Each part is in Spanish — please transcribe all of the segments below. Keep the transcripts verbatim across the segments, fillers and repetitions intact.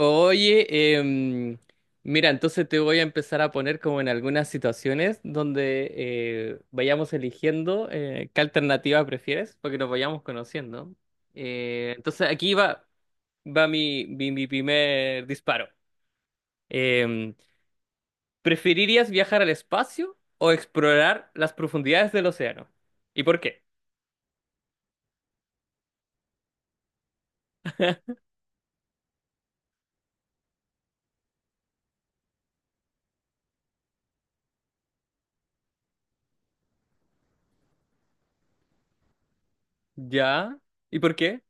Oye, em, mira, entonces te voy a empezar a poner como en algunas situaciones donde eh, vayamos eligiendo eh, qué alternativa prefieres, porque nos vayamos conociendo. Eh, entonces aquí va, va mi, mi, mi primer disparo. Em, ¿Preferirías viajar al espacio o explorar las profundidades del océano? ¿Y por qué? ¿Ya? ¿Y por qué?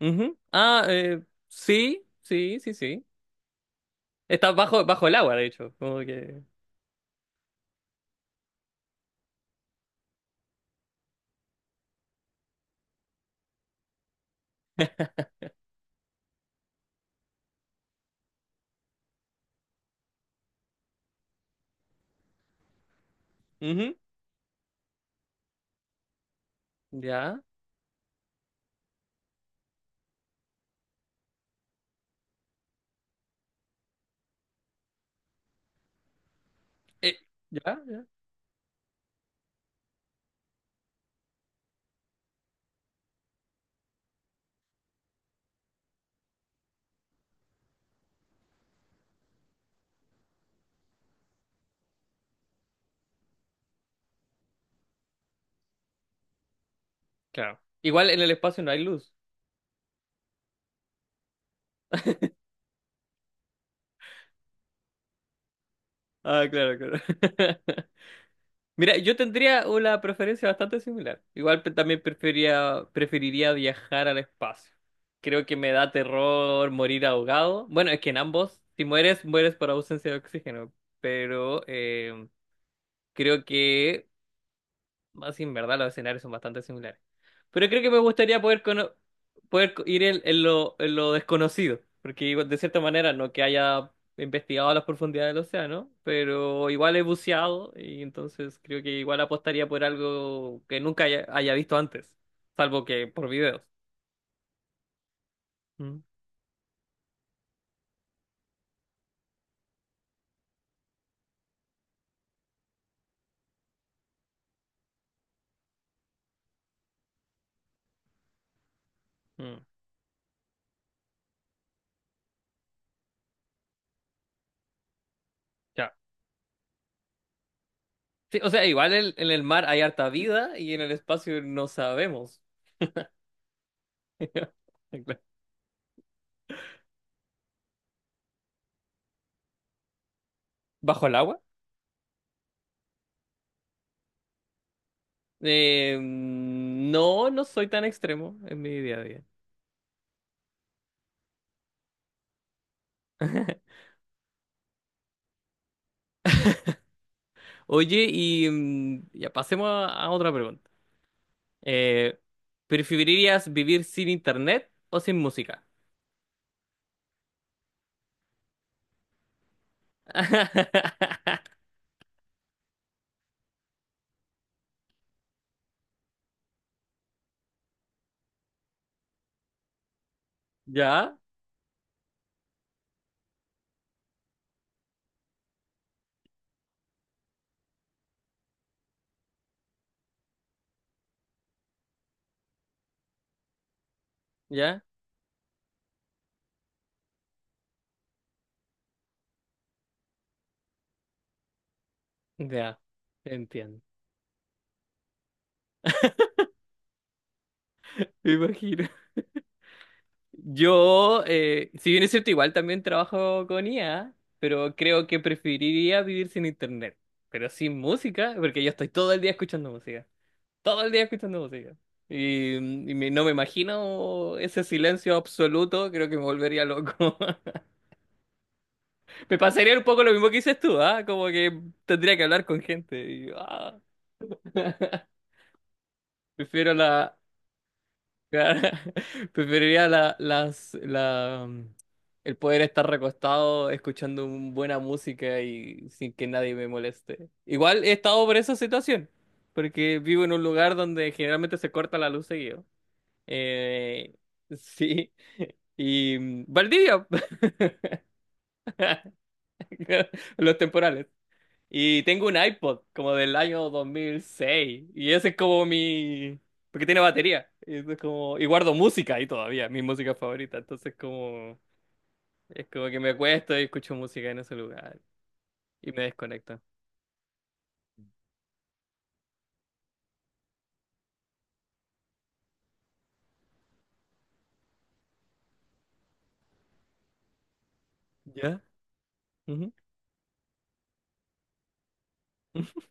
Ujú. Ah, eh, sí, sí, sí, sí. Está bajo, bajo el agua, de hecho. Como que. Ujú. Ya. Eh, ya, ya. Claro. Igual en el espacio no hay luz. Ah, claro, claro. Mira, yo tendría una preferencia bastante similar. Igual pe- también prefería, preferiría viajar al espacio. Creo que me da terror morir ahogado. Bueno, es que en ambos, si mueres, mueres por ausencia de oxígeno. Pero eh, creo que así en verdad los escenarios son bastante similares. Pero creo que me gustaría poder, cono- poder co- ir en, en lo, en lo desconocido, porque igual, de cierta manera no que haya investigado a las profundidades del océano, pero igual he buceado y entonces creo que igual apostaría por algo que nunca haya, haya visto antes, salvo que por videos. Mm, mm, ya. Sí, o sea, igual el en el mar hay harta vida y en el espacio no sabemos. ¿Bajo el agua? Eh, mm, no, no soy tan extremo en mi día a día. Oye, y mm, ya pasemos a, a otra pregunta. Eh, ¿preferirías vivir sin internet o sin música? ¿Ya? ¿Ya? Ya, entiendo. Me imagino. Yo, eh, si bien es cierto, igual también trabajo con I A, pero creo que preferiría vivir sin internet, pero sin música, porque yo estoy todo el día escuchando música. Todo el día escuchando música. Y, mm, y me- no me imagino ese silencio absoluto, creo que me volvería loco. Me pasaría un poco lo mismo que dices tú, ¿ah? Como que tendría que hablar con gente. Y, ah. Prefiero la... Preferiría la, las, la, mm, el poder estar recostado escuchando un- buena música y sin que nadie me moleste. Igual he estado por esa situación, porque vivo en un lugar donde generalmente se corta la luz seguido. Eh, sí. Y mm, Valdivia, los temporales. Y tengo un iPod como del año dos mil seis. Y ese es como mi... Porque tiene batería. Y, eso es como... y guardo música ahí todavía, mi música favorita. Entonces como... Es como que me acuesto y escucho música en ese lugar. Y me desconecto. ¿Ya? Ujú.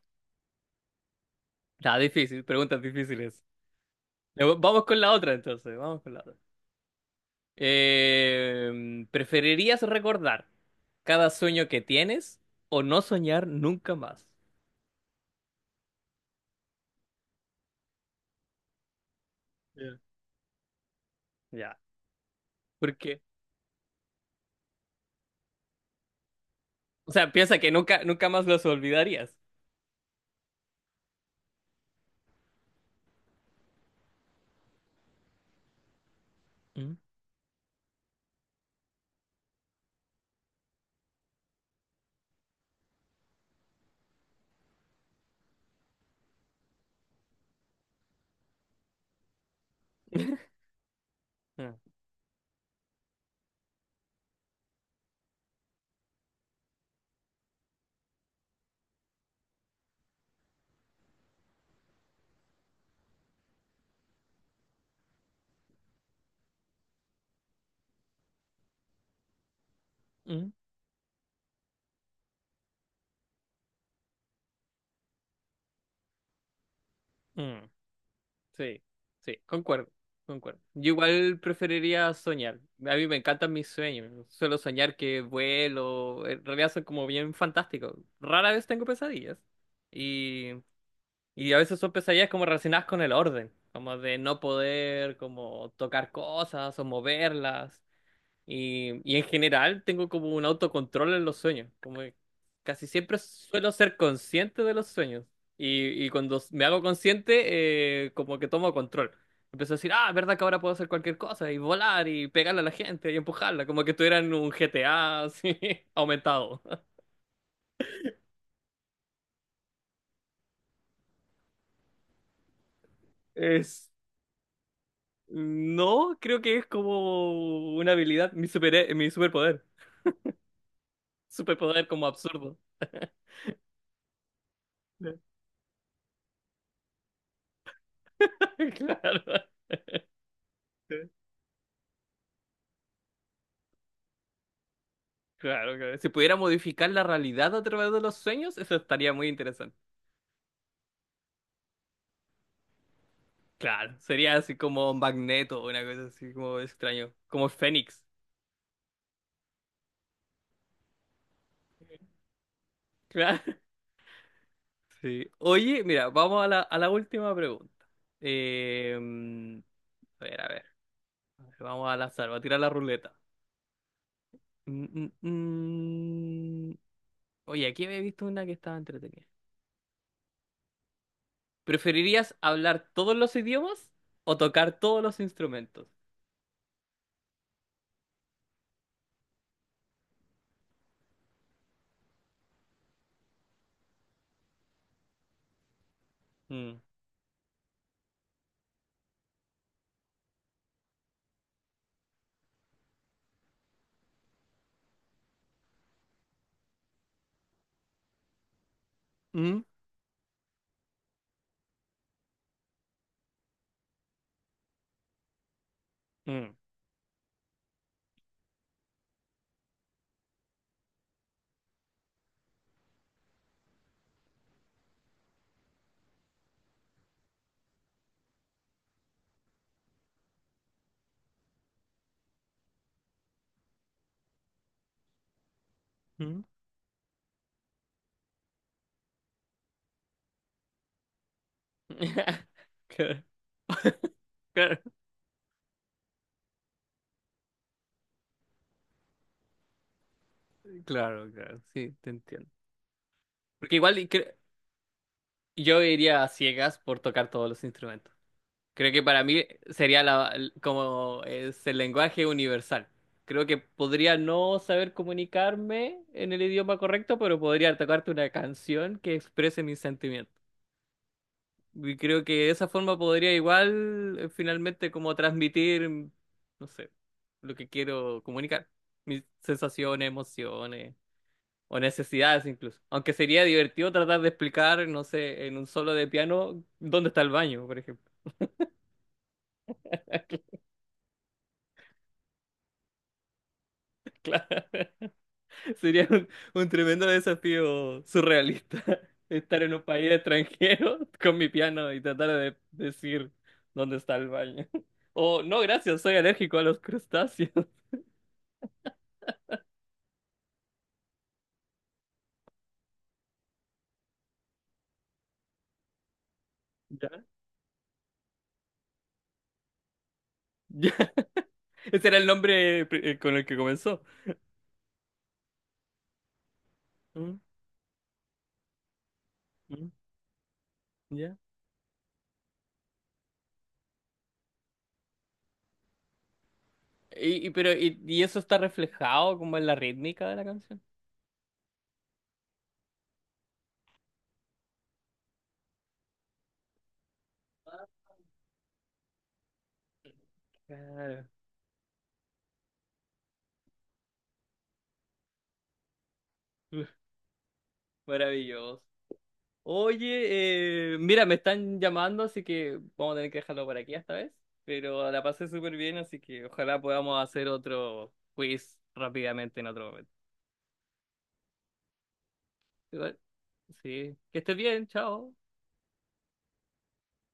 Nada, difícil, preguntas difíciles. Ya, va- Vamos con la otra entonces, vamos con la otra. Eh, ¿preferirías recordar cada sueño que tienes o no soñar nunca más? Ya. Ya. ¿Por qué? O sea, piensa que nunca, nunca más los olvidarías. Mm, mm, mm, mm. Sí, sí, concuerdo, concuerdo. Yo igual preferiría soñar. A mí me encantan mis sueños. Suelo soñar que vuelo. En realidad son como bien fantásticos. Rara vez tengo pesadillas. Y Y a veces son pesadillas como relacionadas con el orden, como de no poder como tocar cosas o moverlas. Y, y en general tengo como un autocontrol en los sueños, como que casi siempre suelo ser consciente de los sueños. Y, y cuando me hago consciente, eh, como que tomo control. Empiezo a decir, ah, verdad que ahora puedo hacer cualquier cosa y volar y pegarle a la gente y empujarla, como que estuviera en un G T A así aumentado. Es No, creo que es como una habilidad, mi super, mi superpoder. Superpoder como absurdo. Claro. Claro, claro. Si pudiera modificar la realidad a través de los sueños, eso estaría muy interesante. Claro, sería así como Magneto, una cosa así como extraño, como Fénix. Claro. Sí. Oye, mira, vamos a la, a la última pregunta. Eh, mm, a ver, a ver. Vamos al azar, voy a tirar la ruleta. Mm, mm, mm. Oye, aquí había visto una que estaba entretenida. ¿Preferirías hablar todos los idiomas o tocar todos los instrumentos? Mm, Mm, mm, mm. Claro, claro, claro, claro, sí, te entiendo. Porque igual y cre- yo iría a ciegas por tocar todos los instrumentos. Creo que para mí sería la, l- como es el lenguaje universal. Creo que podría no saber comunicarme en el idioma correcto, pero podría tocarte una canción que exprese mis sentimientos. Y creo que de esa forma podría igual eh, finalmente como transmitir, no sé, lo que quiero comunicar, mis sensaciones, emociones o necesidades incluso. Aunque sería divertido tratar de explicar, no sé, en un solo de piano dónde está el baño, por ejemplo. Sería un, un tremendo desafío surrealista estar en un país extranjero con mi piano y tratar de decir dónde está el baño. O no, gracias, soy alérgico a los crustáceos. Ya. Ese era el nombre pri- eh, con el que comenzó. Mm, mm, Ya. Y, y- pero y, y eso está reflejado como en la rítmica de la canción. Ah, Claro. Uf, maravilloso. Oye, eh, mira, me están llamando, así que vamos a tener que dejarlo por aquí esta vez. Pero la pasé súper bien, así que ojalá podamos hacer otro quiz rápidamente en otro momento. Igual, sí, que estés bien, chao.